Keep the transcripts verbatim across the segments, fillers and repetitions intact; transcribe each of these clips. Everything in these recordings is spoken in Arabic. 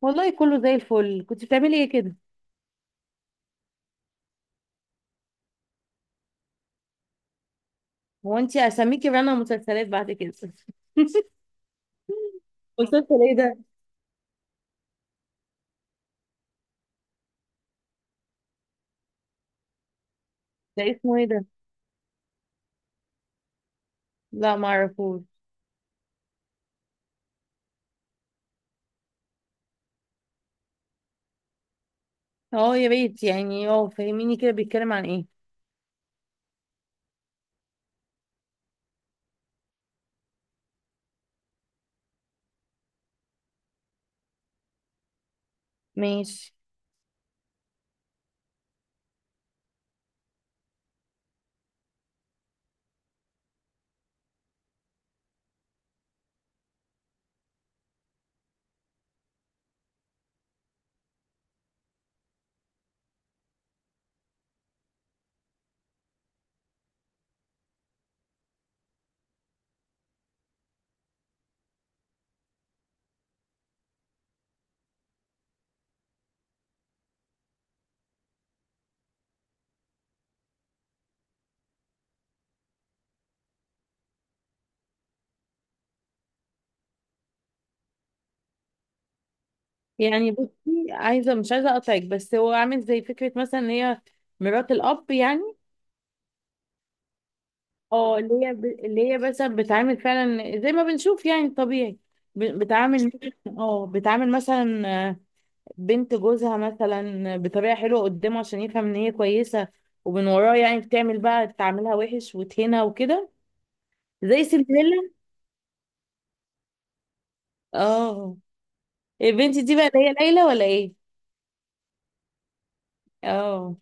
والله كله زي الفل. كنت بتعملي ايه كده؟ هو انت اسميكي رنا مسلسلات بعد كده؟ مسلسل ايه ده؟ ده اسمه ايه ده؟ لا ما اعرفوش. اه يا ريت، يعني اه فهميني كده، بيتكلم عن ايه؟ ماشي. يعني بصي، عايزه مش عايزه اقطعك، بس هو عامل زي فكره مثلا ان هي مرات الاب يعني. اه، اللي هي ب... اللي هي مثلا بتعامل فعلا زي ما بنشوف يعني طبيعي، ب... بتعامل. اه بتعامل مثلا بنت جوزها مثلا بطريقة حلوة قدامه عشان يفهم ان هي كويسة، ومن وراه يعني بتعمل بقى تعاملها وحش وتهينها وكده. زي سندريلا. اه البنت دي بقى اللي هي ليلى ولا ايه؟ اه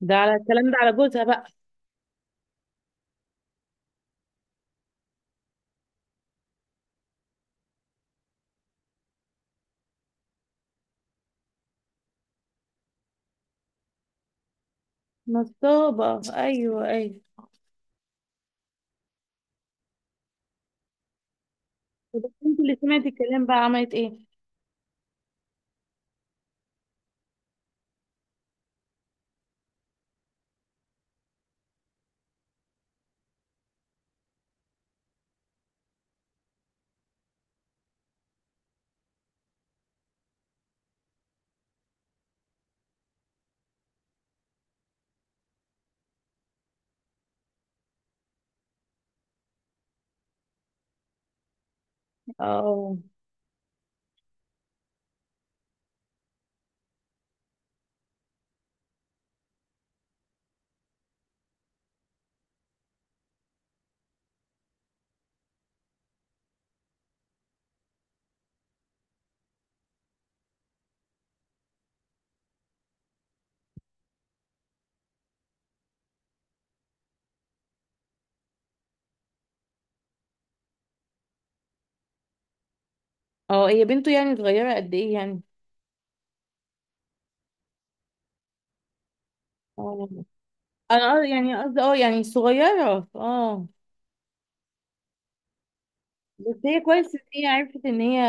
ده على الكلام ده على جوزها بقى؟ نصابة، ايوه ايوه. وده البنت اللي سمعت الكلام بقى عملت ايه؟ اه. اه هي بنته، يعني صغيرة قد ايه يعني؟ اه انا قصدي- يعني قصدي اه يعني صغيرة اه. بس هي كويس ان هي عرفت ان هي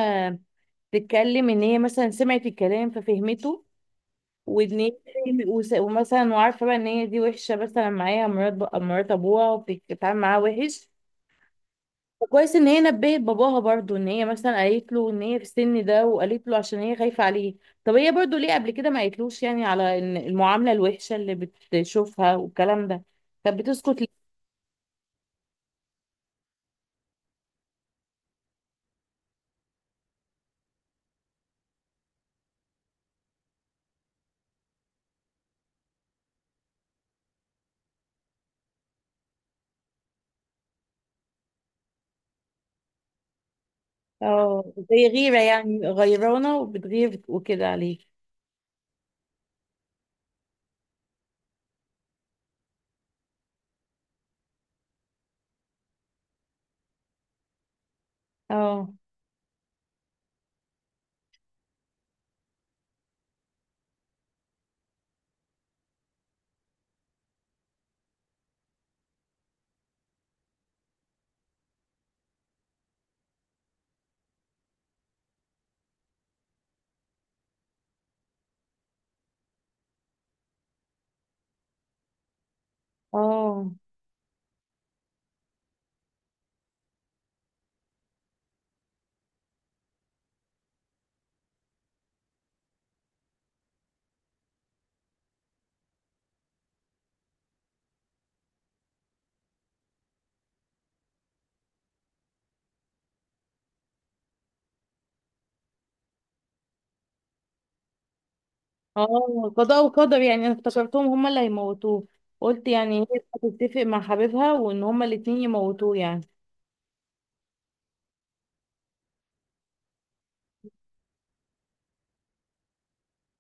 تتكلم، ان هي مثلا سمعت الكلام ففهمته، وان هي وس- ومثلا وعارفه بقى ان هي دي وحشه مثلا معاها مرات ب- مرات ابوها وبتتعامل معاها وحش. وكويس ان هي نبهت باباها برضو، ان هي مثلا قالت له ان هي في السن ده وقالت له عشان هي خايفه عليه. طب هي برضو ليه قبل كده ما قالتلوش يعني على ان المعامله الوحشه اللي بتشوفها والكلام ده، كانت بتسكت ليه؟ اه زي غيره يعني، غيرانه وبتغير وكده عليه. اه. اه. اه قضاء وقدر يعني، انا افتكرتهم هما اللي هيموتوه، قلت يعني هي هتتفق مع حبيبها وان هما الاتنين يموتوه يعني.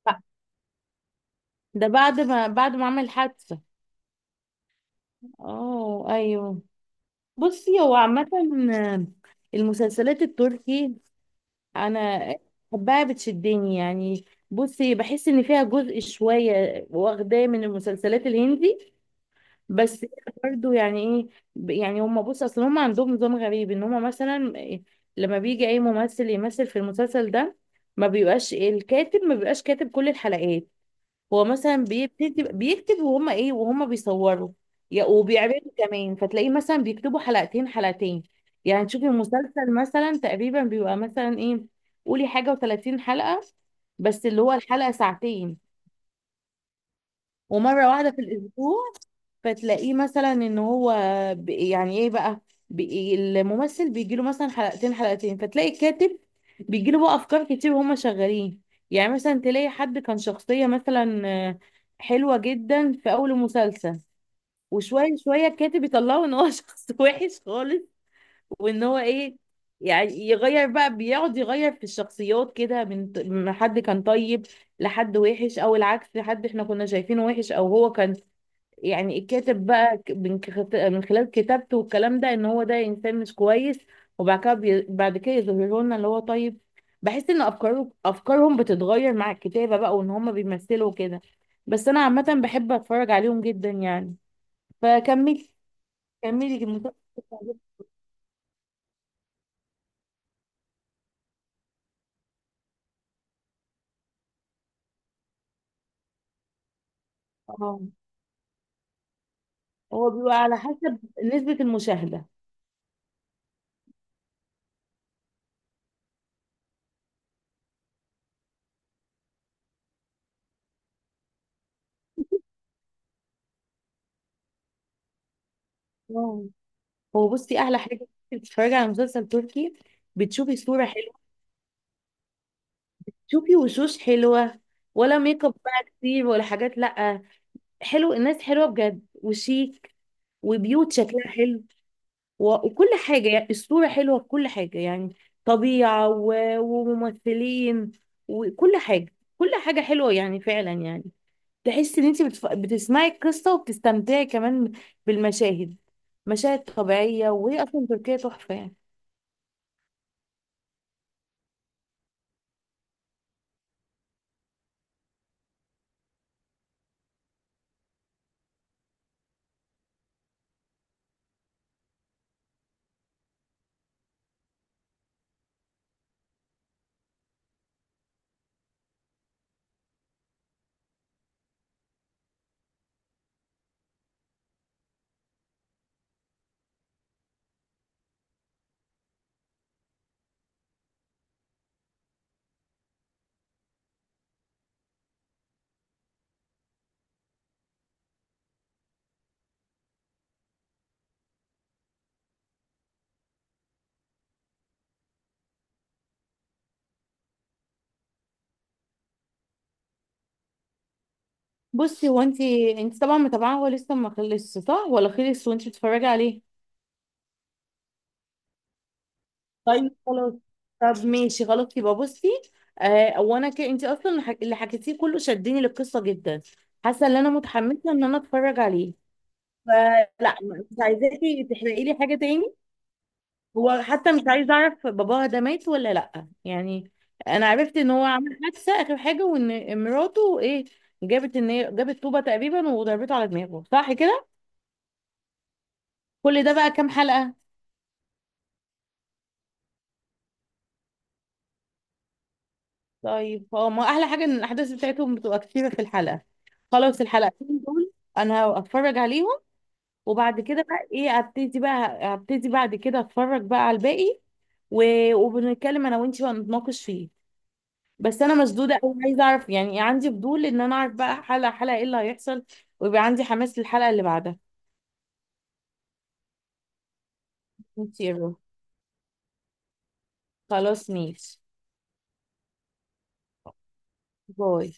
ف- ده بعد ما بعد ما عمل حادثة. اه ايوه. بصي هو عامة المسلسلات التركي انا بحبها، بتشدني يعني. بصي بحس ان فيها جزء شوية واخداه من المسلسلات الهندي، بس برضو يعني ايه، ب- يعني هم، بص اصل هم عندهم نظام غريب ان هم مثلا إيه، لما بيجي اي ممثل يمثل في المسلسل ده ما بيبقاش الكاتب، ما بيبقاش كاتب كل الحلقات. هو مثلا بيكتب بيكتب وهم ايه وهم بيصوروا يا- وبيعرضوا كمان، فتلاقيه مثلا بيكتبوا حلقتين حلقتين. يعني تشوفي المسلسل مثلا تقريبا بيبقى مثلا ايه، قولي حاجة و30 حلقة، بس اللي هو الحلقة ساعتين ومرة واحدة في الأسبوع. فتلاقيه مثلا ان هو ب- يعني ايه بقى، بي- الممثل بيجيله مثلا حلقتين حلقتين، فتلاقي الكاتب بيجيله بقى افكار كتير وهما شغالين. يعني مثلا تلاقي حد كان شخصية مثلا آه، حلوة جدا في اول المسلسل، وشوية شوية الكاتب يطلعه ان هو شخص وحش خالص، وان هو ايه، يعني يغير بقى، بيقعد يغير في الشخصيات كده من من حد كان طيب لحد وحش، او العكس حد احنا كنا شايفينه وحش، او هو كان يعني الكاتب بقى ك- من كخت- من خلال كتابته والكلام ده ان هو ده انسان مش كويس، وبعد كده بي... بعد كده يظهروا لنا اللي هو طيب. بحس ان افكاره افكارهم بتتغير مع الكتابة بقى، وان هم بيمثلوا كده. بس انا عامة بحب اتفرج عليهم جدا يعني. فكملي، كملي المسلسل. اه هو بيبقى على حسب نسبة المشاهدة. آه. هو بصي أحلى حاجة إنك بتتفرجي على مسلسل تركي، بتشوفي صورة حلوة، بتشوفي وشوش حلوة، ولا ميك اب بقى كتير ولا حاجات، لأ حلو. الناس حلوة بجد وشيك، وبيوت شكلها حلو، و- وكل حاجة يعني الصورة حلوة في كل حاجة يعني، طبيعة و- وممثلين وكل حاجة، كل حاجة حلوة يعني فعلا يعني. تحس ان انت بتف... بتسمعي القصه وبتستمتعي كمان بالمشاهد، مشاهد طبيعيه، وهي اصلا تركيا تحفه يعني. بصي هو انت، انت طبعا متابعه، هو لسه ما خلصش صح ولا خلص وانت بتتفرجي عليه؟ طيب خلاص. طب ماشي خلاص، يبقى بصي آه. وانا ك... انت اصلا الح- اللي حكيتيه كله شدني للقصه جدا، حاسه ان انا متحمسه ان انا اتفرج عليه، فلا مش عايزاكي تحرقي لي حاجه تاني. هو حتى مش عايز اعرف باباها ده مات ولا لا يعني، انا عرفت ان هو عمل حادثه اخر حاجه، وان مراته ايه جابت، ان هي جابت طوبه تقريبا وضربته على دماغه، صح كده؟ كل ده بقى كام حلقه؟ طيب هو ما احلى حاجه ان الاحداث بتاعتهم بتبقى كتيره في الحلقه. خلاص الحلقتين دول انا هتفرج عليهم، وبعد كده بقى ايه ابتدي بقى، ابتدي بعد كده اتفرج بقى على الباقي، و... وبنتكلم انا وانتي ونتناقش فيه. بس انا مشدوده قوي، عايزه اعرف يعني إيه، عندي فضول ان انا اعرف بقى حلقه حلقه ايه اللي هيحصل، ويبقى عندي حماس للحلقه اللي بعدها. انتي إيه الرأي؟ خلاص ماشي. باي.